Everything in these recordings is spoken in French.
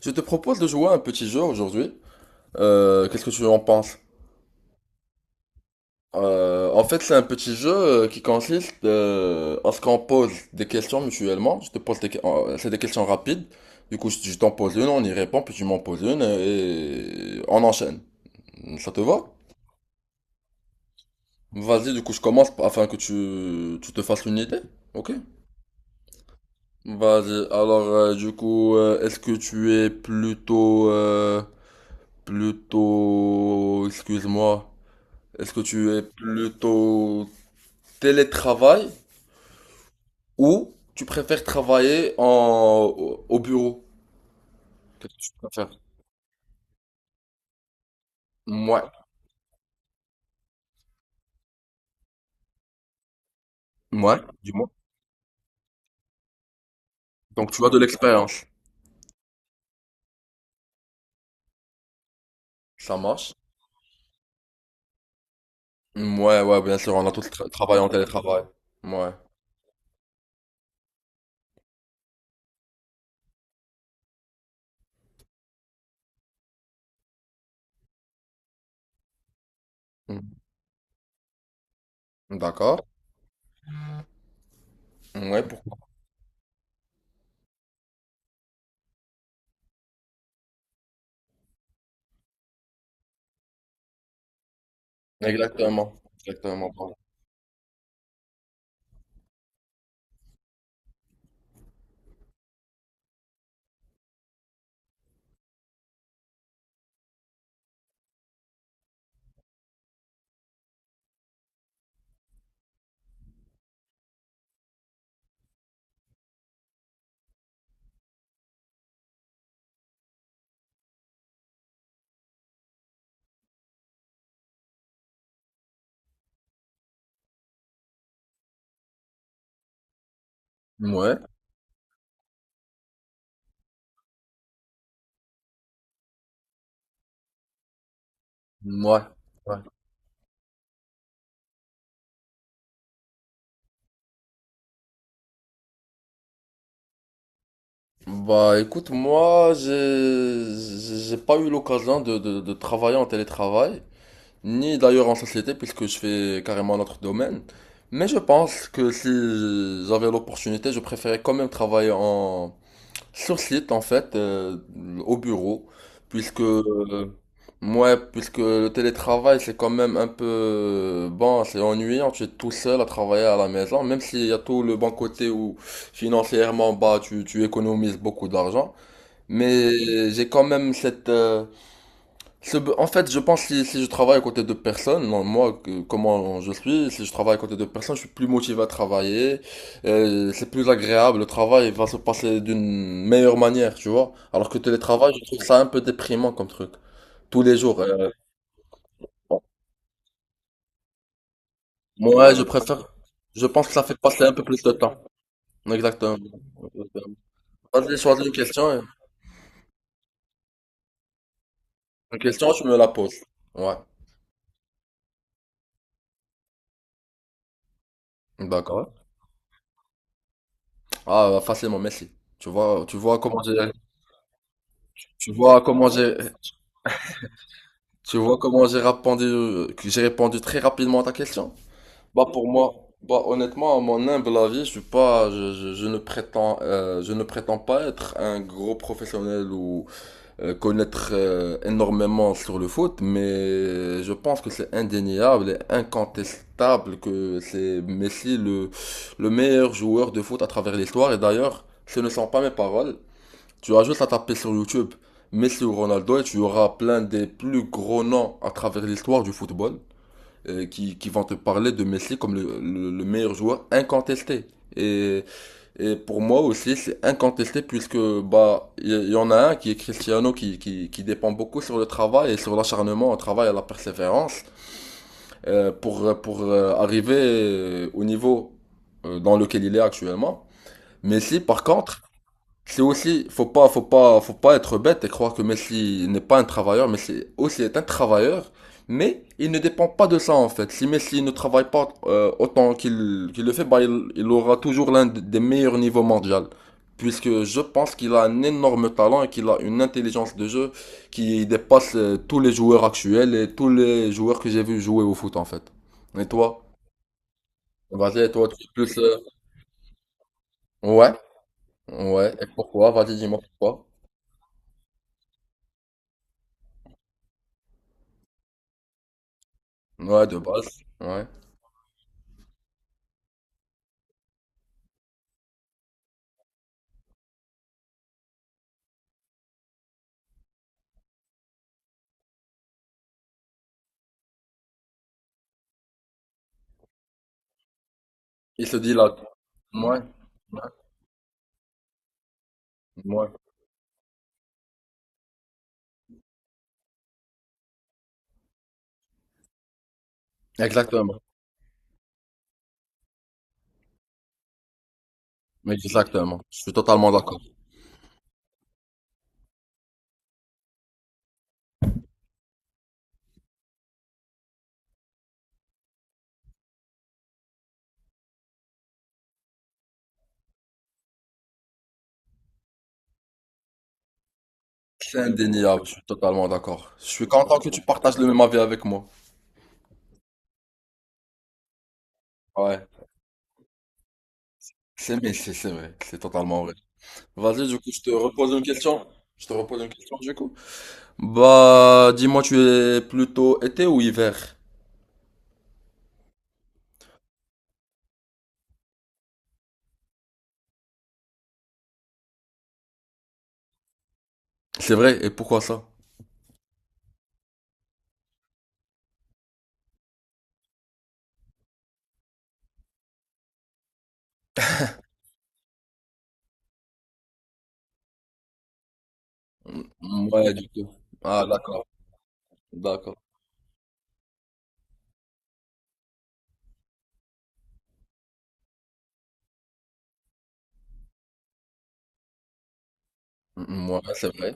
Je te propose de jouer à un petit jeu aujourd'hui. Qu'est-ce que tu en penses? En fait, c'est un petit jeu qui consiste à ce qu'on pose des questions mutuellement. Je te pose c'est des questions rapides. Du coup, je t'en pose une, on y répond, puis tu m'en poses une et on enchaîne. Ça te va? Vas-y, du coup, je commence afin que tu te fasses une idée. Ok? Vas-y. Alors, du coup, est-ce que tu es plutôt, excuse-moi. Est-ce que tu es plutôt télétravail ou tu préfères travailler en, au au bureau? Qu'est-ce que tu préfères? Ouais, ouais, du moins. Donc tu as de l'expérience. Ça marche? Ouais, ouais, bien sûr, on a tous travaillé en télétravail. Ouais. Mm. D'accord. Ouais, pourquoi? Exactement. Exactement. Pardon. Ouais. Ouais. Ouais. Bah écoute, moi, j'ai pas eu l'occasion de travailler en télétravail, ni d'ailleurs en société puisque je fais carrément un autre domaine. Mais je pense que si j'avais l'opportunité, je préférais quand même travailler en sur site en fait au bureau puisque ouais, puisque le télétravail c'est quand même un peu bon, c'est ennuyant, tu es tout seul à travailler à la maison même s'il y a tout le bon côté où financièrement bah tu économises beaucoup d'argent, mais j'ai quand même en fait, je pense que si je travaille à côté de personnes, non, moi, comment je suis, si je travaille à côté de personnes, je suis plus motivé à travailler, c'est plus agréable, le travail va se passer d'une meilleure manière, tu vois. Alors que télétravail, je trouve ça un peu déprimant comme truc, tous les jours. Moi, je préfère, je pense que ça fait passer un peu plus de temps. Exactement. Vas-y, choisis une question. Une question, tu me la poses. Ouais, d'accord. Ah, facilement, merci. Tu vois, tu vois comment j'ai, tu vois comment j'ai répondu, que j'ai répondu très rapidement à ta question? Bah pour moi, bah honnêtement, à mon humble avis, je suis pas, je ne prétends pas être un gros professionnel ou connaître énormément sur le foot, mais je pense que c'est indéniable et incontestable que c'est Messi le meilleur joueur de foot à travers l'histoire. Et d'ailleurs, ce ne sont pas mes paroles. Tu as juste à taper sur YouTube Messi ou Ronaldo et tu auras plein des plus gros noms à travers l'histoire du football qui vont te parler de Messi comme le meilleur joueur incontesté. Et, et pour moi aussi, c'est incontesté puisque bah y en a un qui est Cristiano qui dépend beaucoup sur le travail et sur l'acharnement au travail et à la persévérance, pour arriver au niveau dans lequel il est actuellement. Messi, par contre, c'est aussi, faut pas être bête et croire que Messi n'est pas un travailleur. Messi aussi est un travailleur, mais il ne dépend pas de ça en fait. Si Messi ne travaille pas autant qu'il le fait, bah, il aura toujours l'un des meilleurs niveaux mondiaux. Puisque je pense qu'il a un énorme talent et qu'il a une intelligence de jeu qui dépasse tous les joueurs actuels et tous les joueurs que j'ai vu jouer au foot en fait. Et toi? Vas-y, et toi, tu es plus. Ouais, ouais. Et pourquoi? Vas-y, dis-moi pourquoi. Ouais, de base. Ouais. Il se dit là. Ouais, ouais. Exactement. Exactement. Je suis totalement d'accord. C'est indéniable, je suis totalement d'accord. Je suis content que tu partages le même avis avec moi. Ouais. C'est vrai, c'est totalement vrai. Vas-y, du coup, je te repose une question. Je te repose une question, du coup. Bah, dis-moi, tu es plutôt été ou hiver? C'est vrai, et pourquoi ça? Ouais, du coup. Ah, d'accord, d'accord. Mm, mm, ouais, c'est vrai.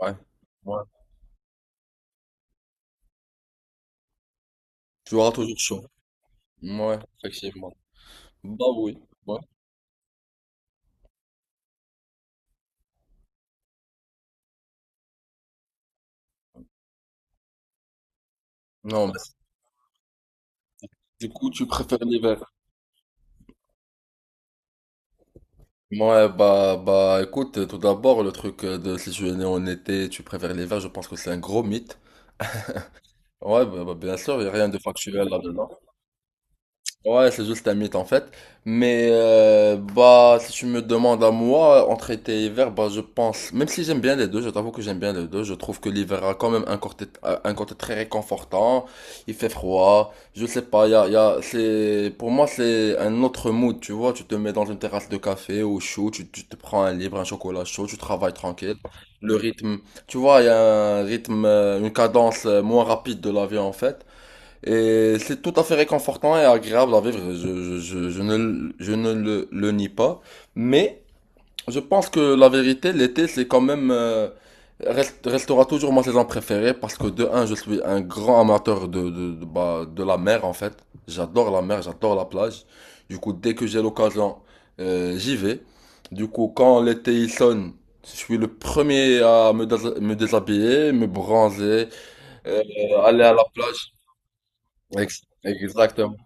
Ouais, ouais. Tu auras toujours chaud. Ouais, effectivement. Bah oui, ouais. Non. Du coup, tu préfères l'hiver. Ouais, bah, bah, écoute, tout d'abord, le truc de si tu es né en été, tu préfères l'hiver, je pense que c'est un gros mythe. Ouais, bah, bah, bien sûr, il n'y a rien de factuel là-dedans. Ouais, c'est juste un mythe en fait. Mais bah, si tu me demandes à moi, entre été et hiver, bah, je pense, même si j'aime bien les deux, je t'avoue que j'aime bien les deux, je trouve que l'hiver a quand même un côté très réconfortant, il fait froid, je sais pas, pour moi, c'est un autre mood, tu vois, tu te mets dans une terrasse de café au chaud, tu te prends un livre, un chocolat chaud, tu travailles tranquille, le rythme, tu vois, il y a un rythme, une cadence moins rapide de la vie en fait. Et c'est tout à fait réconfortant et agréable à vivre. Je ne le nie pas. Mais je pense que la vérité, l'été, c'est quand même, restera toujours ma saison préférée parce que de un, je suis un grand amateur bah, de la mer en fait. J'adore la mer, j'adore la plage. Du coup, dès que j'ai l'occasion, j'y vais. Du coup, quand l'été il sonne, je suis le premier à me déshabiller, me bronzer, euh, aller à la plage. Exactement.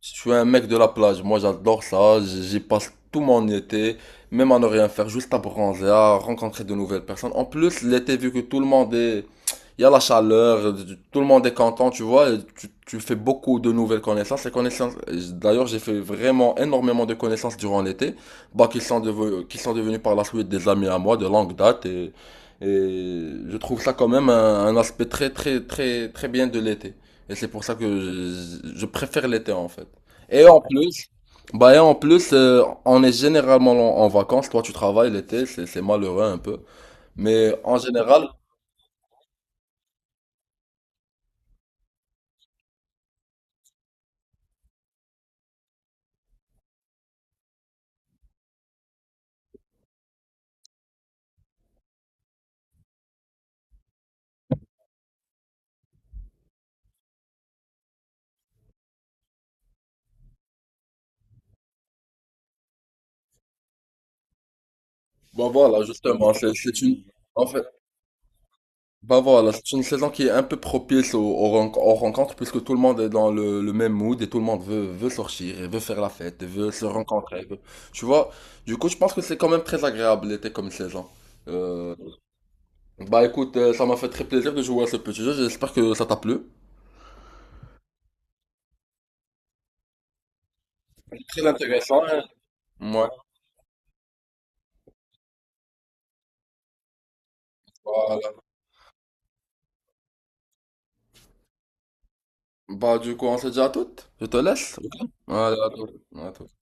Je suis un mec de la plage, moi j'adore ça, j'y passe tout mon été, même à ne rien faire, juste à bronzer, à rencontrer de nouvelles personnes. En plus, l'été, vu que tout le monde est. Il y a la chaleur, tout le monde est content, tu vois, et tu fais beaucoup de nouvelles connaissances. Les connaissances, d'ailleurs, j'ai fait vraiment énormément de connaissances durant l'été, bah, qui sont devenus par la suite des amis à moi de longue date. Et je trouve ça quand même un aspect très, très, très, très bien de l'été. Et c'est pour ça que je préfère l'été, en fait. Et en plus, on est généralement en vacances. Toi, tu travailles l'été, c'est malheureux un peu. Mais en général, bah voilà, justement, en fait, bah voilà, c'est une saison qui est un peu propice aux rencontres puisque tout le monde est dans le même mood et tout le monde veut sortir et veut faire la fête, et veut se rencontrer. Tu vois, du coup, je pense que c'est quand même très agréable l'été comme saison. Euh, Bah écoute, ça m'a fait très plaisir de jouer à ce petit jeu. J'espère que ça t'a plu. Très intéressant, hein. Ouais. Voilà. Bah, du coup, on se dit à toutes. Je te laisse. Ok. Allez, à toutes. À toutes.